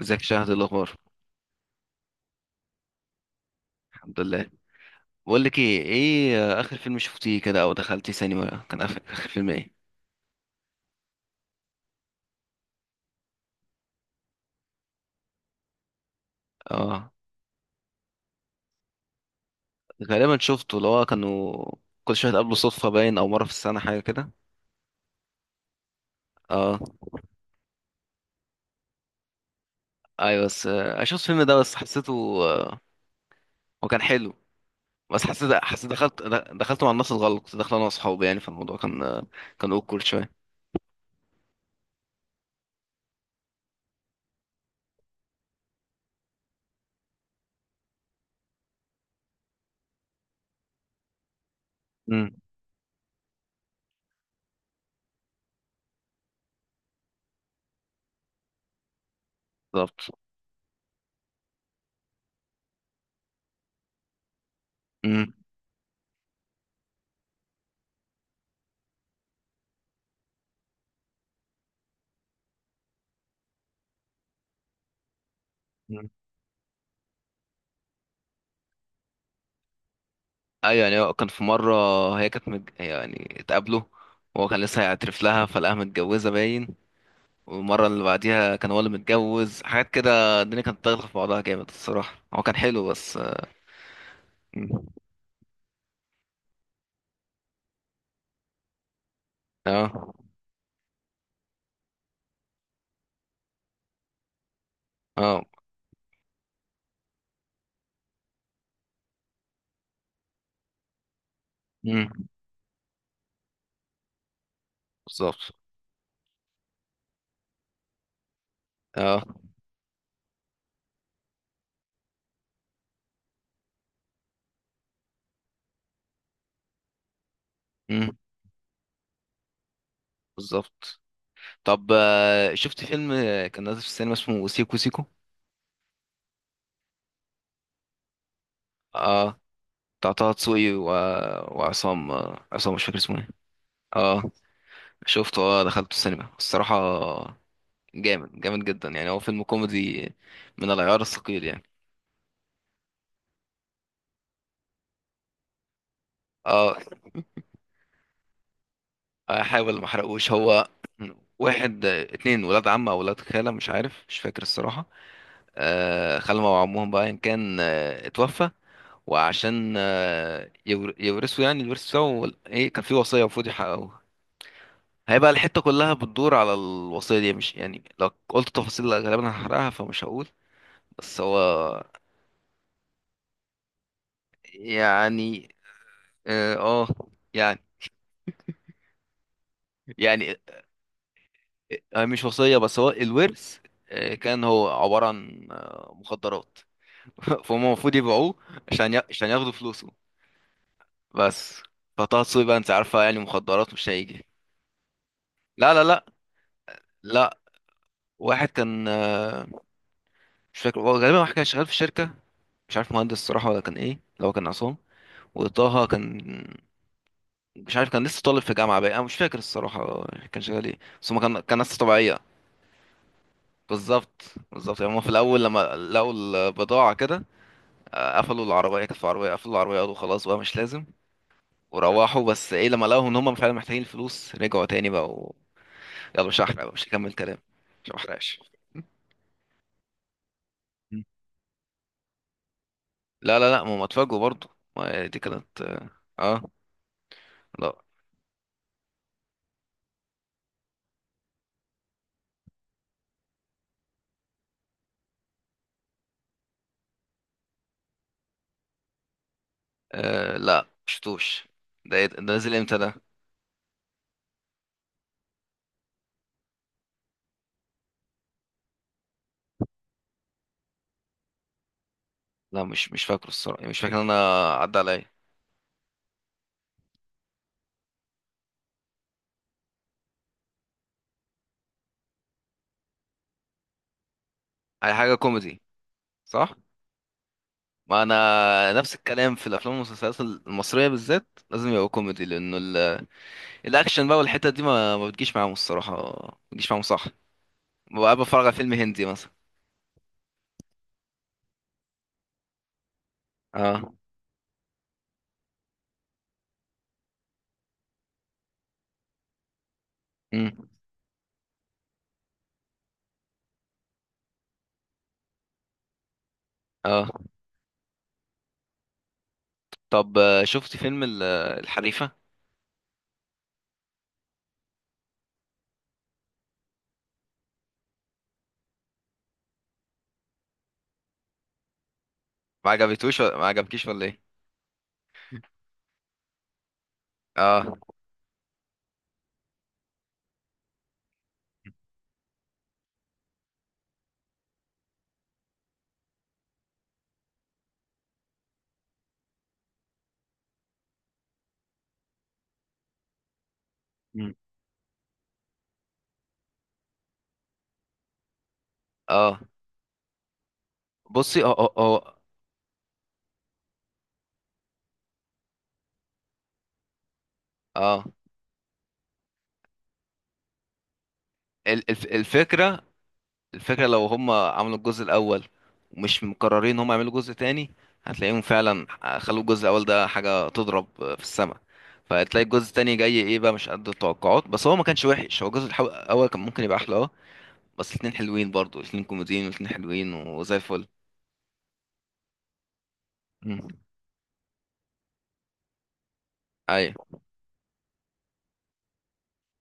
ازيك يا شهد؟ إيه الاخبار؟ الحمد لله. بقول لك ايه، اخر فيلم شفتيه كده او دخلتي سينما، كان آخر فيلم ايه؟ اه، غالبا شفته، اللي هو كانوا كل شويه قبله صدفه باين، او مره في السنه حاجه كده. اه ايوه، بس آه، شفت الفيلم ده بس حسيته، آه، هو كان حلو، بس حسيت دخلت، دخلته مع الناس الغلط، كنت داخل انا واصحابي، يعني فالموضوع كان كان اوكل شويه. امم، بالظبط. امم. ايوه، يعني هو كان في مره، يعني اتقابلوا وهو كان لسه هيعترف لها فلقاها متجوزه باين، والمره اللي بعديها كان هو اللي متجوز، حاجات كده الدنيا كانت داخله في بعضها جامد الصراحه، هو كان حلو بس. مم. اه. اه. مم. بالظبط. اه. مم. بالظبط. طب، شفت فيلم كان نازل في السينما اسمه سيكو سيكو؟ اه، بتاع طه دسوقي و... وعصام، عصام مش فاكر اسمه ايه. اه، شفته، اه دخلته السينما الصراحه، جامد جامد جدا. يعني هو فيلم كوميدي من العيار الثقيل يعني. اه، احاول ما احرقوش. هو اتنين ولاد عم او ولاد خالة، مش عارف مش فاكر الصراحة، آه خالهم او عمهم بقى ان كان اتوفى، وعشان يورثوا يعني الورث بتاعه، ايه كان في وصية المفروض يحققوها، هيبقى الحتة كلها بتدور على الوصية دي، مش يعني لو قلت تفاصيل غالبا هحرقها فمش هقول. بس هو، يعني اه آه، يعني يعني يعني مش وصية، بس هو الورث كان هو عبارة عن مخدرات. فهم المفروض يبيعوه عشان ياخدوا فلوسه بس. فطه دسوقي بقى انت عارفة، يعني مخدرات مش هيجي. لا، لا. واحد كان مش فاكر، هو غالبا واحد كان شغال في شركة، مش عارف مهندس الصراحة ولا كان ايه، لو كان عصام. وطه كان مش عارف، كان لسه طالب في جامعة بقى، انا مش فاكر الصراحة كان شغال ايه، بس هما كان ناس طبيعية. بالظبط. بالظبط، يعني هما في الأول لما لقوا البضاعة كده، قفلوا العربية، كانت عربية قفلوا العربية قالوا خلاص بقى مش لازم، وروحوا. بس ايه، لما لقوا ان هم فعلا محتاجين الفلوس رجعوا تاني بقى و... يلا مش هحرق بقى، مش هكمل كلام، مش هحرقش. مم. لا، ما هم اتفاجئوا برضه، ما دي كانت اه، آه، لا. آه لا مشفتوش، ده إيه ده؟ ده نزل امتى ده؟ لا، مش فاكره الصراحة، يعني مش فاكر ان انا عدى عليا. اي حاجة كوميدي، صح. ما انا نفس الكلام في الافلام والمسلسلات المصرية، بالذات لازم يبقى كوميدي، لانه الاكشن بقى والحتة دي ما بتجيش معاهم الصراحة، ما بتجيش معاهم، صح. ببقى بتفرج على فيلم هندي مثلا. اه. امم. اه. طب، شفت فيلم الحريفة؟ ما عجبتوش ولا ما عجبكيش ولا ايه؟ اه. مم. اه. بصي، اه. آه. الفكرة، الفكرة لو هم عملوا الجزء الأول، ومش مقررين هم يعملوا جزء تاني، هتلاقيهم فعلا خلوا الجزء الأول ده حاجة تضرب في السماء، فهتلاقي الجزء التاني جاي ايه بقى، مش قد التوقعات. بس هو ما كانش وحش، هو الجزء الأول كان ممكن يبقى أحلى، اه. بس الاتنين حلوين برضو، الاتنين كوميديين والاتنين حلوين وزي الفل. مم. أيوة.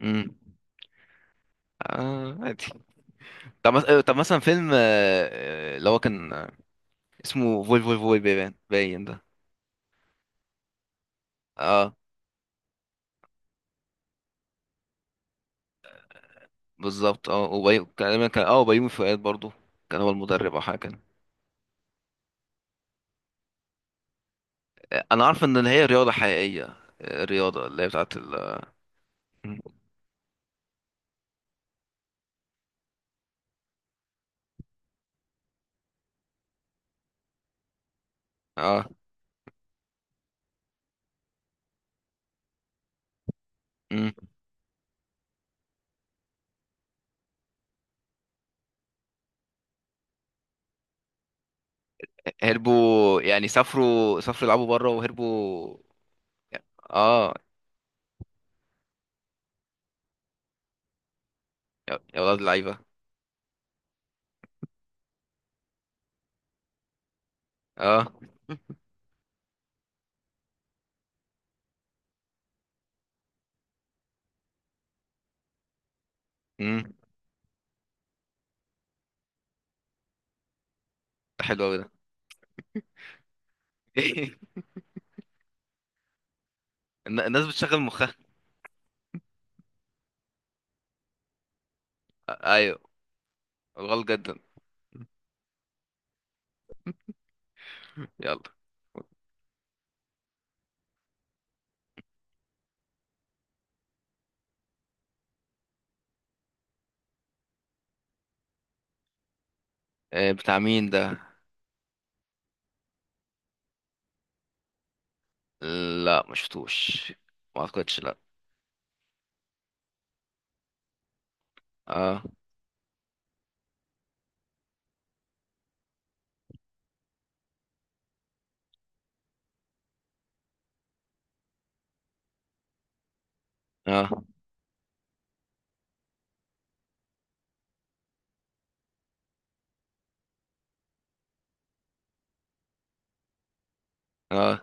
مم. آه عادي. طب، طب مثلا فيلم اللي هو كان اسمه فول فول فول باين باين ده. اه، بالظبط. اه وبيومي اه وبيومي فؤاد برضو، كان هو المدرب او حاجه كان. انا عارف ان هي رياضه حقيقيه، الرياضه اللي هي بتاعت ال. مم. اه. مم. هربوا يعني سافروا، سافروا يلعبوا بره وهربوا. اه، يا ولاد اللعيبه. اه. امم. ده حلو قوي ده. الناس بتشغل مخها. ايوه، غلط جدا. يلا. بتاع مين ده؟ لا ما شفتوش، ما اعتقدش، لا. اه اه اه،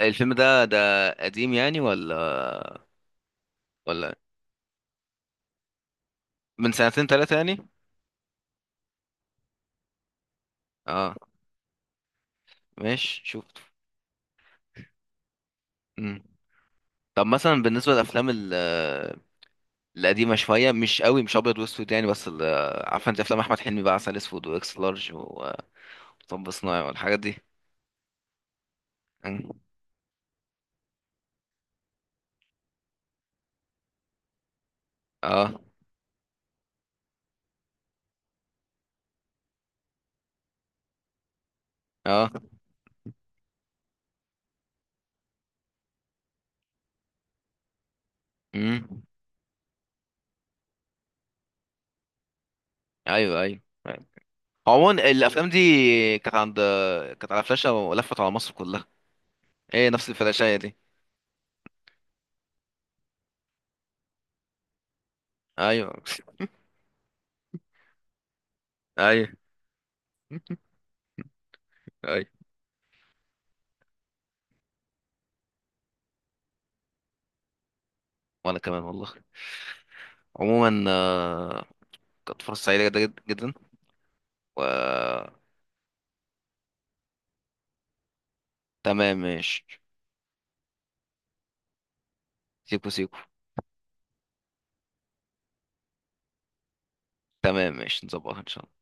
الفيلم ده ده قديم يعني ولا؟ ولا من سنتين ثلاثة يعني؟ اه ماشي، شفته. مم. طب مثلا بالنسبة القديمة شوية، مش قوي مش أبيض وأسود يعني، عارفة أنت أفلام أحمد حلمي بقى، عسل أسود وإكس لارج ومطب صناعي والحاجات دي. مم. اه. اه. مم. أيوه أيوه. أيوة. عموما الأفلام دي كانت عند، كانت على فلاشة ولفت على مصر كلها. ايه، نفس الفلاشاية دي؟ أيوه. أيوه. أيوه. وأنا كمان والله. عموما كانت فرصة سعيدة جدا جدا جدا. و تمام، ماشي. سيكو سيكو. تمام ماشي، نظبطها إن شاء الله.